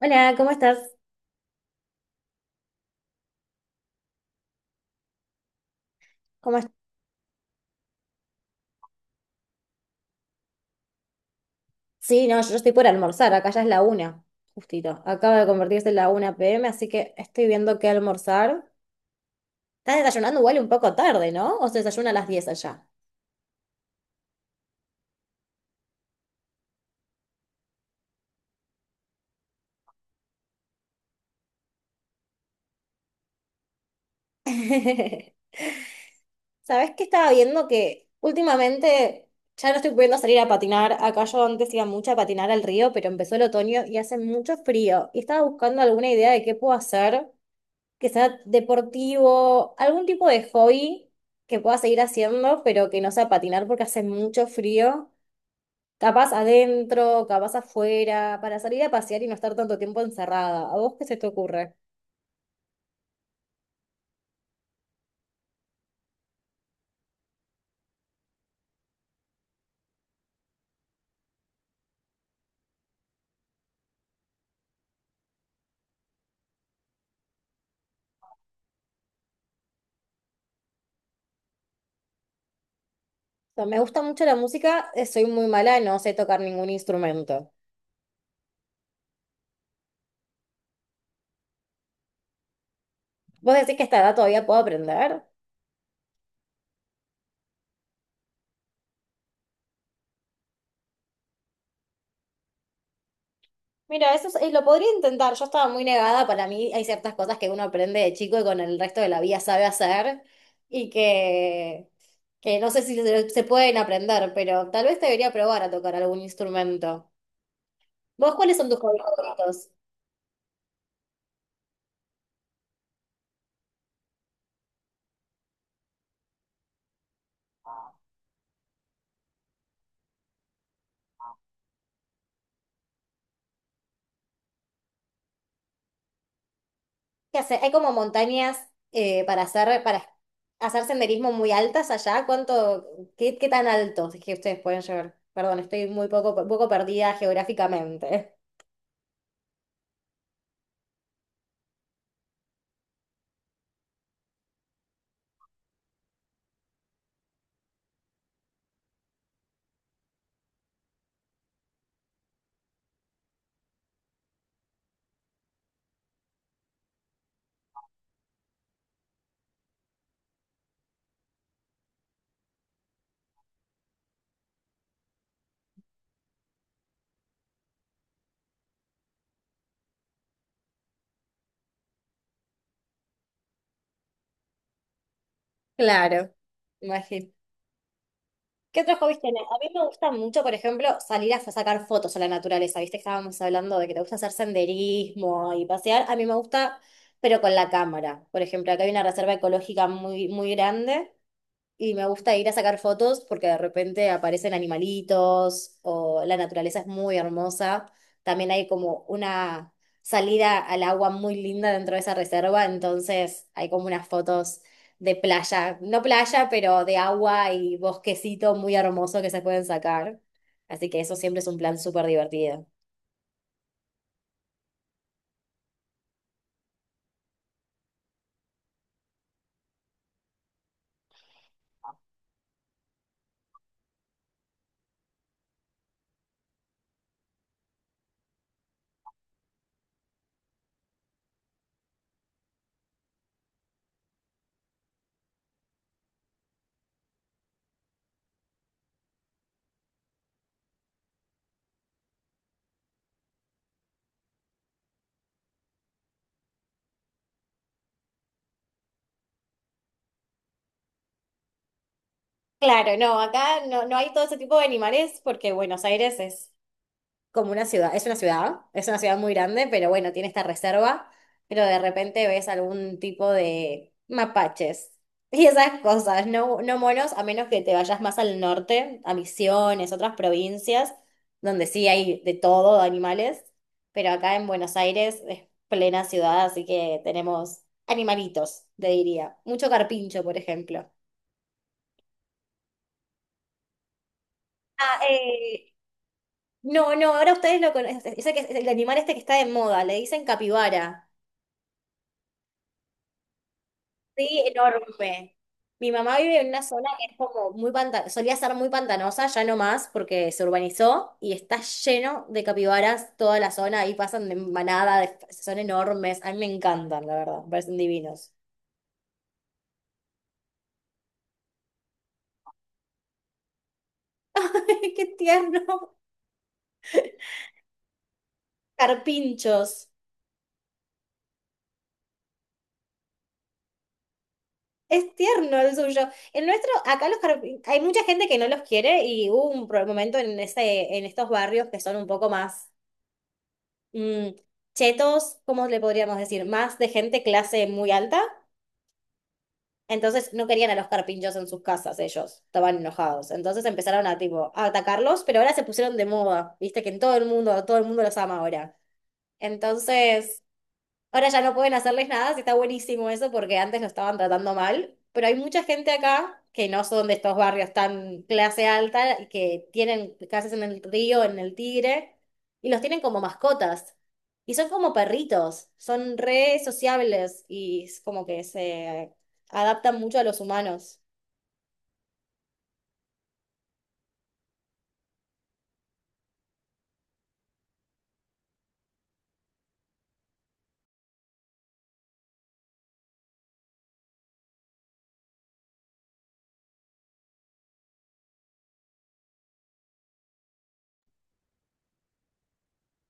Hola, ¿cómo estás? ¿Cómo est- Sí, no, yo estoy por almorzar, acá ya es la una, justito. Acaba de convertirse en la 1 p.m., así que estoy viendo qué almorzar. Estás desayunando igual un poco tarde, ¿no? O se desayuna a las diez allá. ¿Sabés qué estaba viendo? Que últimamente ya no estoy pudiendo salir a patinar. Acá yo antes iba mucho a patinar al río, pero empezó el otoño y hace mucho frío. Y estaba buscando alguna idea de qué puedo hacer que sea deportivo, algún tipo de hobby que pueda seguir haciendo, pero que no sea patinar porque hace mucho frío. Capaz adentro, capaz afuera, para salir a pasear y no estar tanto tiempo encerrada. ¿A vos qué se te ocurre? O sea, me gusta mucho la música, soy muy mala, no sé tocar ningún instrumento. ¿Vos decís que a esta edad todavía puedo aprender? Mira, eso es, lo podría intentar. Yo estaba muy negada. Para mí hay ciertas cosas que uno aprende de chico y con el resto de la vida sabe hacer y que no sé si se pueden aprender, pero tal vez debería probar a tocar algún instrumento. ¿Vos cuáles son tus hobbies favoritos? ¿Qué hace? Hay como montañas para hacer senderismo muy altas allá. ¿Qué tan altos es que ustedes pueden llegar? Perdón, estoy muy poco perdida geográficamente. Claro, imagino. ¿Qué otros hobbies tenés? A mí me gusta mucho, por ejemplo, salir a sacar fotos a la naturaleza. Viste que estábamos hablando de que te gusta hacer senderismo y pasear. A mí me gusta, pero con la cámara. Por ejemplo, acá hay una reserva ecológica muy grande y me gusta ir a sacar fotos porque de repente aparecen animalitos o la naturaleza es muy hermosa. También hay como una salida al agua muy linda dentro de esa reserva, entonces hay como unas fotos de playa, no playa, pero de agua y bosquecito muy hermoso que se pueden sacar. Así que eso siempre es un plan súper divertido. Claro, acá no hay todo ese tipo de animales porque Buenos Aires es como una ciudad, es una ciudad muy grande, pero bueno, tiene esta reserva, pero de repente ves algún tipo de mapaches y esas cosas, no monos, a menos que te vayas más al norte, a Misiones, otras provincias, donde sí hay de todo, de animales, pero acá en Buenos Aires es plena ciudad, así que tenemos animalitos, te diría. Mucho carpincho, por ejemplo. Ah, no, ahora ustedes lo conocen, el animal este que está de moda, le dicen capibara. Sí, enorme. Mi mamá vive en una zona que es como muy pantanosa, solía ser muy pantanosa, ya no más porque se urbanizó y está lleno de capibaras toda la zona, ahí pasan de manada, son enormes, a mí me encantan, la verdad, me parecen divinos. ¡Qué tierno! Carpinchos. Es tierno el suyo. El nuestro, acá los carpinchos, hay mucha gente que no los quiere y hubo un momento en ese, en estos barrios que son un poco más mm, chetos, ¿cómo le podríamos decir? Más de gente clase muy alta. Entonces no querían a los carpinchos en sus casas ellos, estaban enojados. Entonces empezaron a tipo a atacarlos, pero ahora se pusieron de moda, viste que en todo el mundo los ama ahora. Entonces ahora ya no pueden hacerles nada, sí está buenísimo eso porque antes lo estaban tratando mal, pero hay mucha gente acá que no son de estos barrios tan clase alta y que tienen casas en el río, en el Tigre, y los tienen como mascotas. Y son como perritos, son re sociables y es como que se adaptan mucho a los humanos.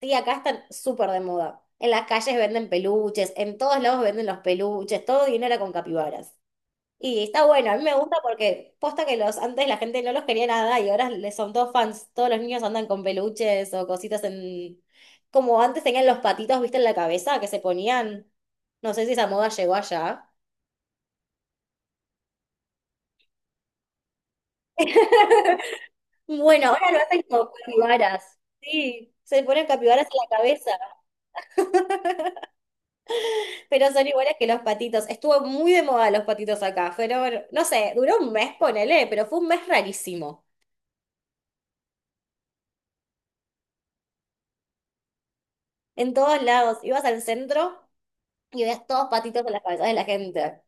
Y acá están súper de moda. En las calles venden peluches, en todos lados venden los peluches, todo dinero con capibaras. Y está bueno, a mí me gusta porque posta que los antes la gente no los quería nada y ahora les son todos fans. Todos los niños andan con peluches o cositas en... Como antes tenían los patitos, ¿viste? En la cabeza que se ponían. No sé si esa moda llegó allá. Bueno, ahora lo hacen como capibaras. Sí, se ponen capibaras en la cabeza, pero son iguales que los patitos. Estuvo muy de moda los patitos acá. Fueron, no sé, duró un mes, ponele, pero fue un mes rarísimo. En todos lados. Ibas al centro y ves todos patitos en las cabezas de la gente.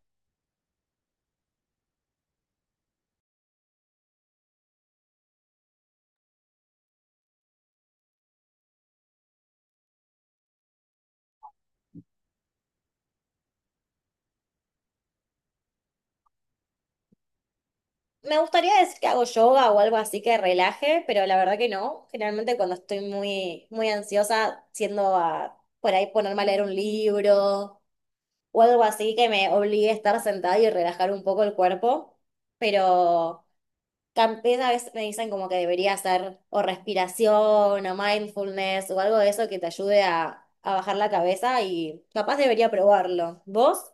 Me gustaría decir que hago yoga o algo así que relaje, pero la verdad que no. Generalmente cuando estoy muy ansiosa, siendo a por ahí ponerme a leer un libro o algo así que me obligue a estar sentada y relajar un poco el cuerpo. Pero también a veces me dicen como que debería hacer o respiración o mindfulness o algo de eso que te ayude a bajar la cabeza y capaz debería probarlo. ¿Vos?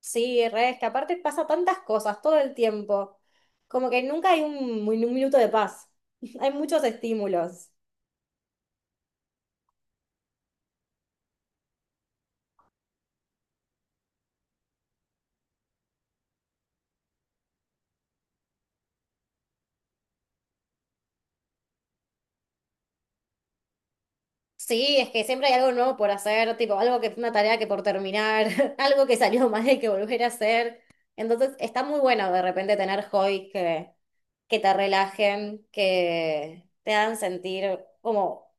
Sí, re, es que aparte pasa tantas cosas todo el tiempo. Como que nunca hay un minuto de paz. Hay muchos estímulos. Sí, es que siempre hay algo nuevo por hacer, tipo algo que una tarea que por terminar, algo que salió mal y que volver a hacer. Entonces está muy bueno de repente tener hobbies que te relajen, que te hagan sentir como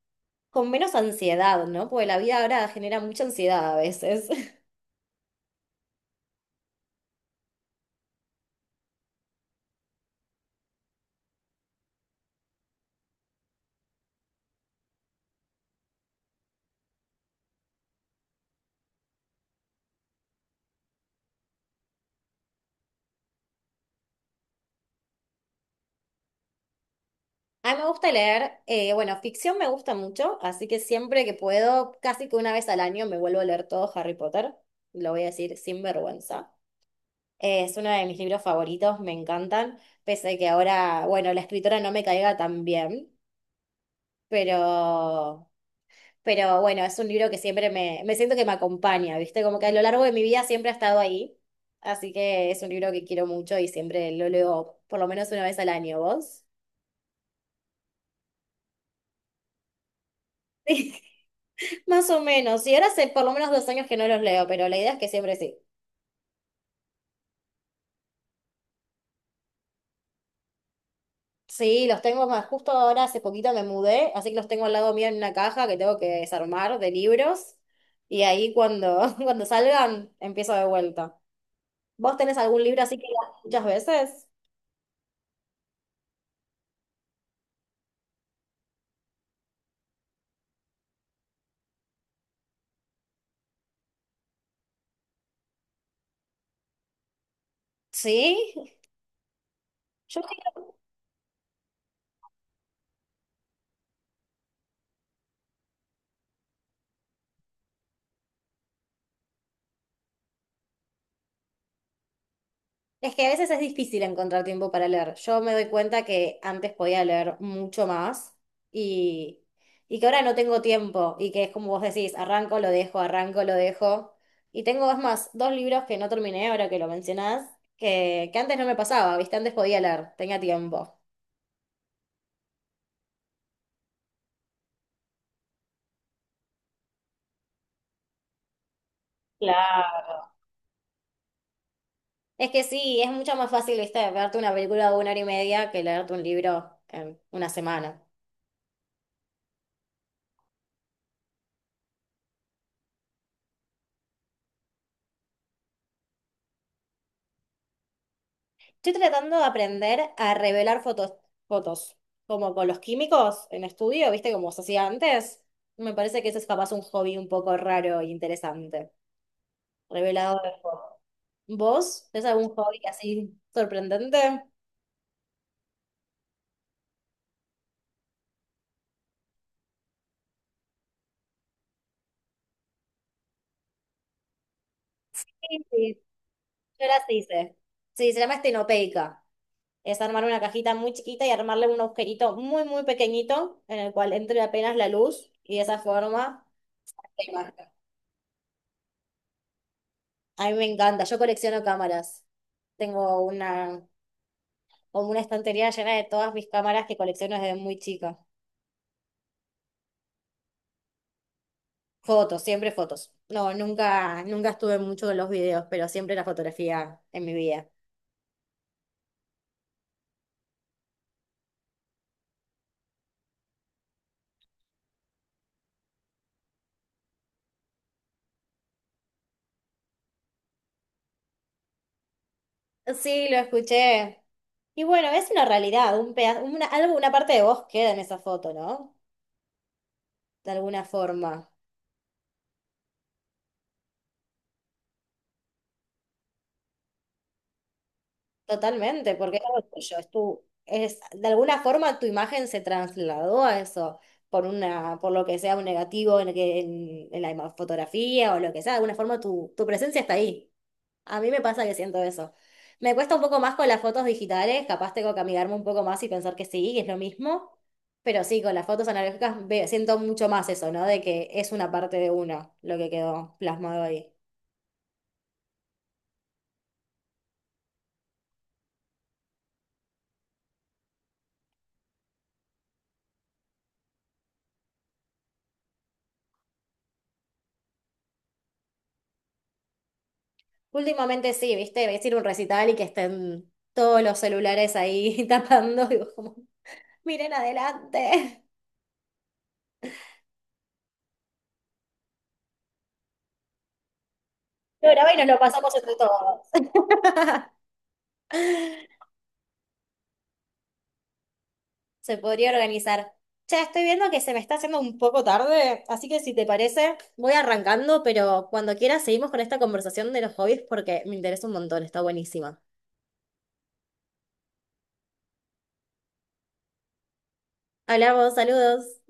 con menos ansiedad, ¿no? Porque la vida ahora genera mucha ansiedad a veces. A mí me gusta leer, bueno, ficción me gusta mucho, así que siempre que puedo, casi que una vez al año me vuelvo a leer todo Harry Potter, lo voy a decir sin vergüenza. Es uno de mis libros favoritos, me encantan, pese a que ahora, bueno, la escritora no me caiga tan bien, pero, pero bueno, es un libro que siempre me siento que me acompaña, ¿viste? Como que a lo largo de mi vida siempre ha estado ahí, así que es un libro que quiero mucho y siempre lo leo por lo menos una vez al año, ¿vos? Más o menos, y ahora hace por lo menos dos años que no los leo, pero la idea es que siempre sí. Sí, los tengo más, justo ahora hace poquito me mudé, así que los tengo al lado mío en una caja que tengo que desarmar de libros, y ahí cuando, cuando salgan empiezo de vuelta. ¿Vos tenés algún libro así que leas muchas veces? Sí, yo es que a veces es difícil encontrar tiempo para leer. Yo me doy cuenta que antes podía leer mucho más y, y que ahora no tengo tiempo y que es como vos decís, arranco, lo dejo, arranco, lo dejo. Y tengo, es más, dos libros que no terminé ahora que lo mencionás, que antes no me pasaba, ¿viste? Antes podía leer, tenía tiempo. Claro. Es que sí, es mucho más fácil, ¿viste? Verte una película de una hora y media que leerte un libro en una semana. Estoy tratando de aprender a revelar fotos, como con los químicos en estudio, ¿viste? Como se hacía antes. Me parece que ese es capaz un hobby un poco raro e interesante. Revelado de fotos. ¿Vos? ¿Tenés algún hobby así sorprendente? Sí, sí. Yo las hice. Sí, se llama estenopeica. Es armar una cajita muy chiquita y armarle un agujerito muy pequeñito en el cual entre apenas la luz y de esa forma la imagen. A mí me encanta. Yo colecciono cámaras. Tengo una como una estantería llena de todas mis cámaras que colecciono desde muy chica. Fotos, siempre fotos. No, nunca estuve mucho en los videos, pero siempre la fotografía en mi vida. Sí, lo escuché. Y bueno, es una realidad, una parte de vos queda en esa foto, ¿no? De alguna forma. Totalmente, porque es algo tuyo, es, de alguna forma tu imagen se trasladó a eso, por lo que sea un negativo en fotografía o lo que sea, de alguna forma tu presencia está ahí. A mí me pasa que siento eso. Me cuesta un poco más con las fotos digitales, capaz tengo que amigarme un poco más y pensar que sí, que es lo mismo. Pero sí, con las fotos analógicas siento mucho más eso, ¿no? De que es una parte de uno lo que quedó plasmado ahí. Últimamente sí, ¿viste? Ves ir a un recital y que estén todos los celulares ahí tapando y vos como, miren adelante. Lo grabé y nos lo pasamos entre todos. Se podría organizar. Ya estoy viendo que se me está haciendo un poco tarde, así que si te parece, voy arrancando, pero cuando quieras seguimos con esta conversación de los hobbies porque me interesa un montón, está buenísima. Hablamos, saludos.